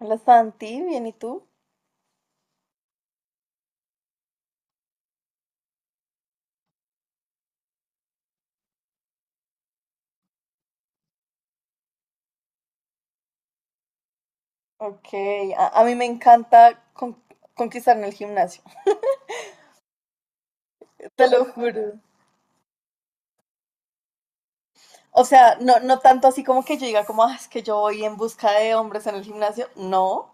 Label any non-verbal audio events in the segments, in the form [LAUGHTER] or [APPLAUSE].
Hola Santi, bien, ¿y tú? Ok, a mí me encanta conquistar en el gimnasio, te lo juro. O sea, no, no tanto así como que yo diga como, "Ah, es que yo voy en busca de hombres en el gimnasio, no,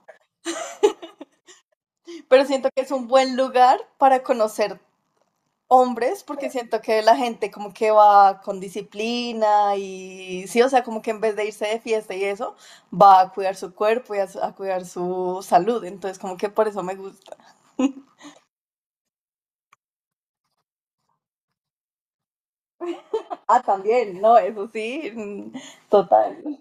pero siento que es un buen lugar para conocer hombres porque siento que la gente como que va con disciplina y sí, o sea, como que en vez de irse de fiesta y eso, va a cuidar su cuerpo y a cuidar su salud, entonces como que por eso me gusta. Ah, también, no, eso sí, mm, total.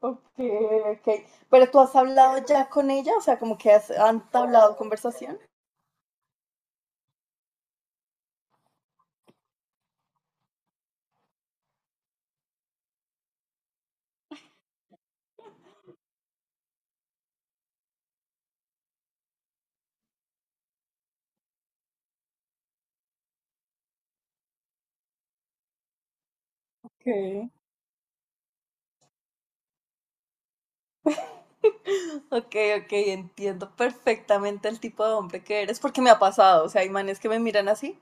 Ok, ok. Pero tú has hablado ya con ella, o sea, como que han hablado conversación. Okay. Ok, ok, entiendo perfectamente el tipo de hombre que eres, porque me ha pasado, o sea, hay manes que me miran así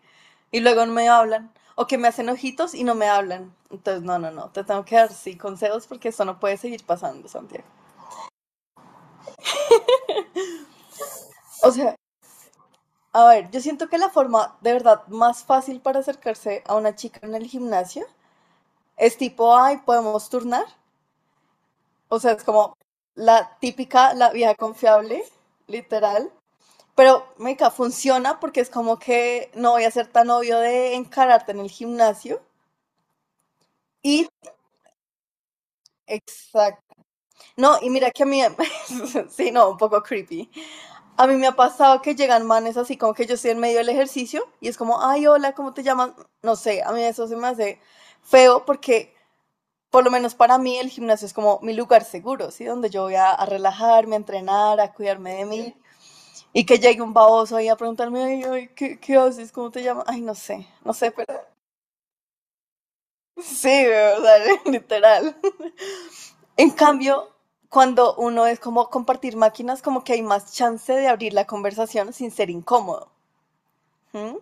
y luego no me hablan, o que me hacen ojitos y no me hablan. Entonces, no, te tengo que dar sí consejos porque esto no puede seguir pasando, Santiago. O sea, a ver, yo siento que la forma de verdad más fácil para acercarse a una chica en el gimnasio es tipo, ay, podemos turnar. O sea, es como la vieja confiable, literal. Pero, meca, funciona porque es como que no voy a ser tan obvio de encararte en el gimnasio. Y, exacto. No, y mira que a mí, [LAUGHS] sí, no, un poco creepy. A mí me ha pasado que llegan manes así como que yo estoy en medio del ejercicio y es como, ay, hola, ¿cómo te llamas? No sé, a mí eso se me hace feo porque por lo menos para mí el gimnasio es como mi lugar seguro, ¿sí? Donde yo voy a relajarme, a entrenar, a cuidarme de mí. Y que llegue un baboso ahí a preguntarme, ay, ay, ¿ qué haces? ¿Cómo te llamas? Ay, no sé, no sé, pero [LAUGHS] sí, o sea, [LAUGHS] literal. En cambio, cuando uno es como compartir máquinas, como que hay más chance de abrir la conversación sin ser incómodo. ¿Mm?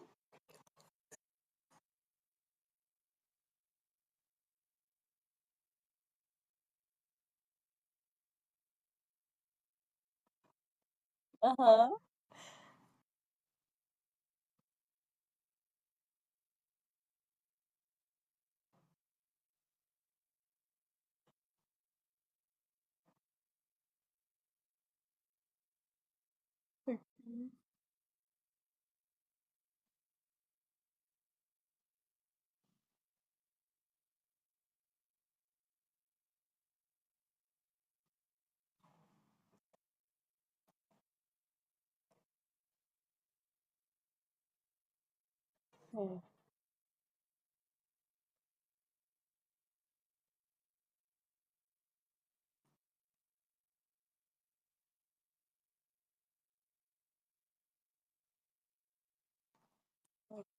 Ajá. Sí.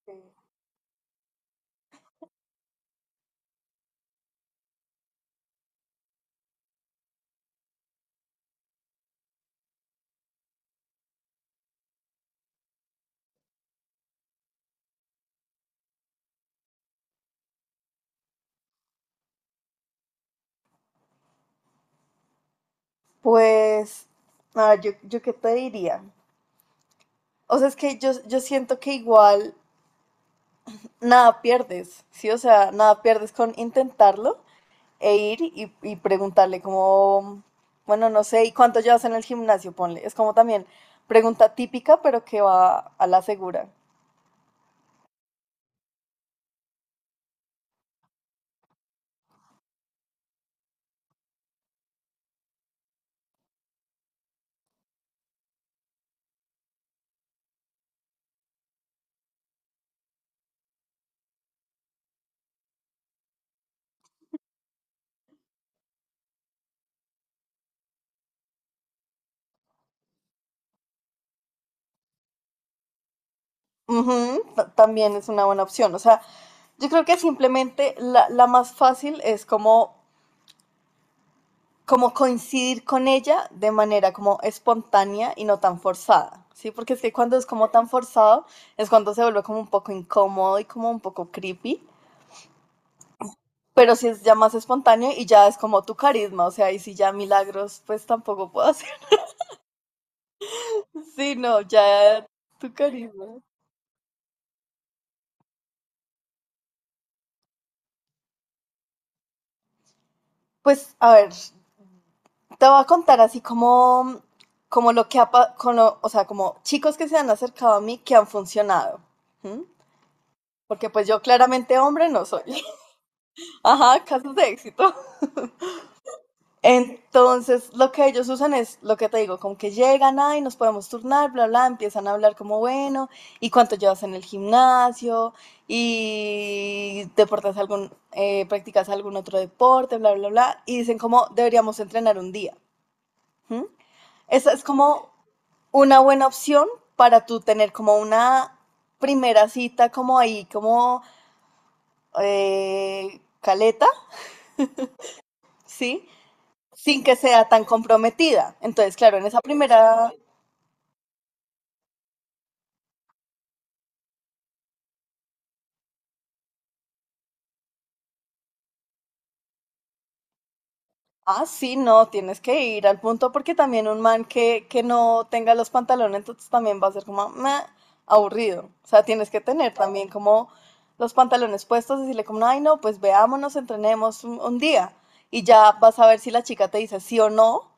Sí. Pues, a ver, yo qué te diría. O sea, es que yo siento que igual nada pierdes, ¿sí? O sea, nada pierdes con intentarlo e ir y preguntarle como, bueno, no sé, ¿y cuánto llevas en el gimnasio? Ponle. Es como también pregunta típica, pero que va a la segura. Ujú, también es una buena opción. O sea, yo creo que simplemente la más fácil es como, como coincidir con ella de manera como espontánea y no tan forzada, ¿sí? Porque es que cuando es como tan forzado es cuando se vuelve como un poco incómodo y como un poco creepy. Pero si es ya más espontáneo y ya es como tu carisma, o sea, y si ya milagros, pues tampoco puedo hacer. [LAUGHS] Sí, no, ya tu carisma. Pues, a ver, te voy a contar así como, como lo que ha, pa- con lo- o sea, como chicos que se han acercado a mí que han funcionado. ¿M? Porque pues yo claramente hombre no soy. [LAUGHS] Ajá, casos de éxito. Entonces, lo que ellos usan es lo que te digo, como que llegan, ay, nos podemos turnar, bla, bla, empiezan a hablar como, bueno, ¿y cuánto llevas en el gimnasio? ¿Y practicas algún otro deporte, bla, bla, bla? Y dicen como, deberíamos entrenar un día. ¿M? Esa es como una buena opción para tú tener como una primera cita como ahí, como caleta, ¿sí? Sin que sea tan comprometida. Entonces, claro, en esa primera... Ah, sí, no, tienes que ir al punto porque también un man que no tenga los pantalones, entonces también va a ser como "Meh", aburrido. O sea, tienes que tener también como los pantalones puestos, decirle como, ay, no, pues veámonos, entrenemos un día y ya vas a ver si la chica te dice sí o no.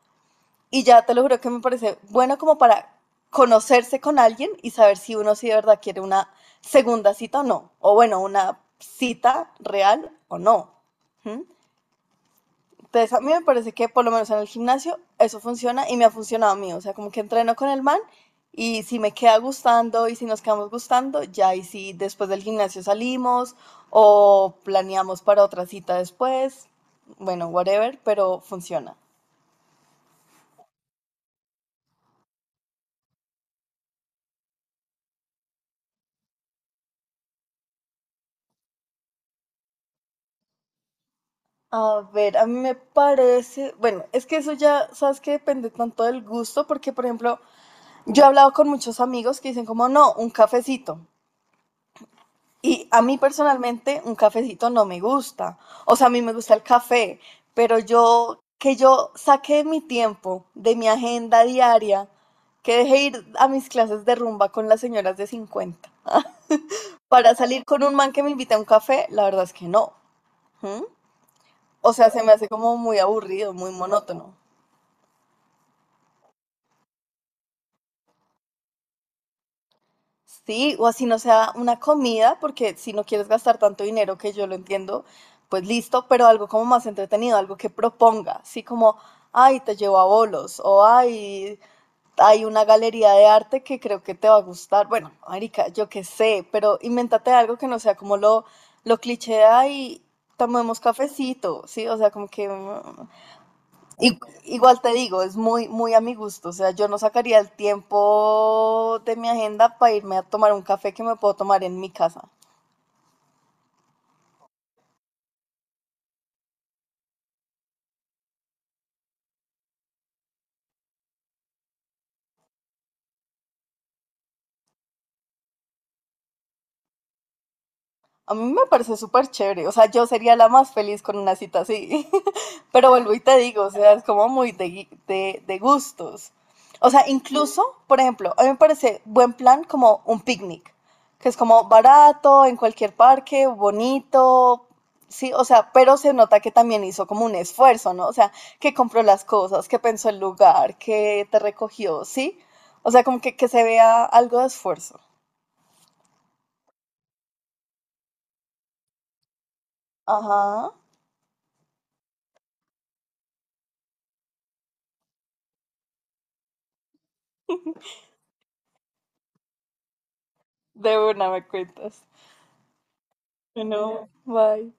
Y ya te lo juro que me parece bueno como para conocerse con alguien y saber si uno sí de verdad quiere una segunda cita o no. O bueno, una cita real o no. ¿Mm? Entonces, a mí me parece que por lo menos en el gimnasio eso funciona y me ha funcionado a mí. O sea, como que entreno con el man y si me queda gustando y si nos quedamos gustando, ya y si después del gimnasio salimos o planeamos para otra cita después, bueno, whatever, pero funciona. A ver, a mí me parece, bueno, es que eso ya, sabes que depende tanto del gusto, porque por ejemplo, yo he hablado con muchos amigos que dicen como, no, un cafecito. Y a mí personalmente un cafecito no me gusta. O sea, a mí me gusta el café, pero yo que yo saqué mi tiempo de mi agenda diaria, que dejé ir a mis clases de rumba con las señoras de 50 para salir con un man que me invite a un café, la verdad es que no. ¿Mm? O sea, se me hace como muy aburrido, muy monótono. Sí, o así no sea una comida, porque si no quieres gastar tanto dinero, que yo lo entiendo, pues listo, pero algo como más entretenido, algo que proponga, así como, ay, te llevo a bolos, o ay, hay una galería de arte que creo que te va a gustar. Bueno, marica, yo qué sé, pero invéntate algo que no sea como lo cliché, ay, tomemos cafecito, ¿sí? O sea, como que, mm, I- igual te digo, es muy, muy a mi gusto. O sea, yo no sacaría el tiempo de mi agenda para irme a tomar un café que me puedo tomar en mi casa. A mí me parece súper chévere, o sea, yo sería la más feliz con una cita así, [LAUGHS] pero vuelvo y te digo, o sea, es como muy de gustos. O sea, incluso, por ejemplo, a mí me parece buen plan como un picnic, que es como barato, en cualquier parque, bonito, sí, o sea, pero se nota que también hizo como un esfuerzo, ¿no? O sea, que compró las cosas, que pensó el lugar, que te recogió, ¿sí? O sea, como que se vea algo de esfuerzo. Ajá, de una me cuentas. You know, bye.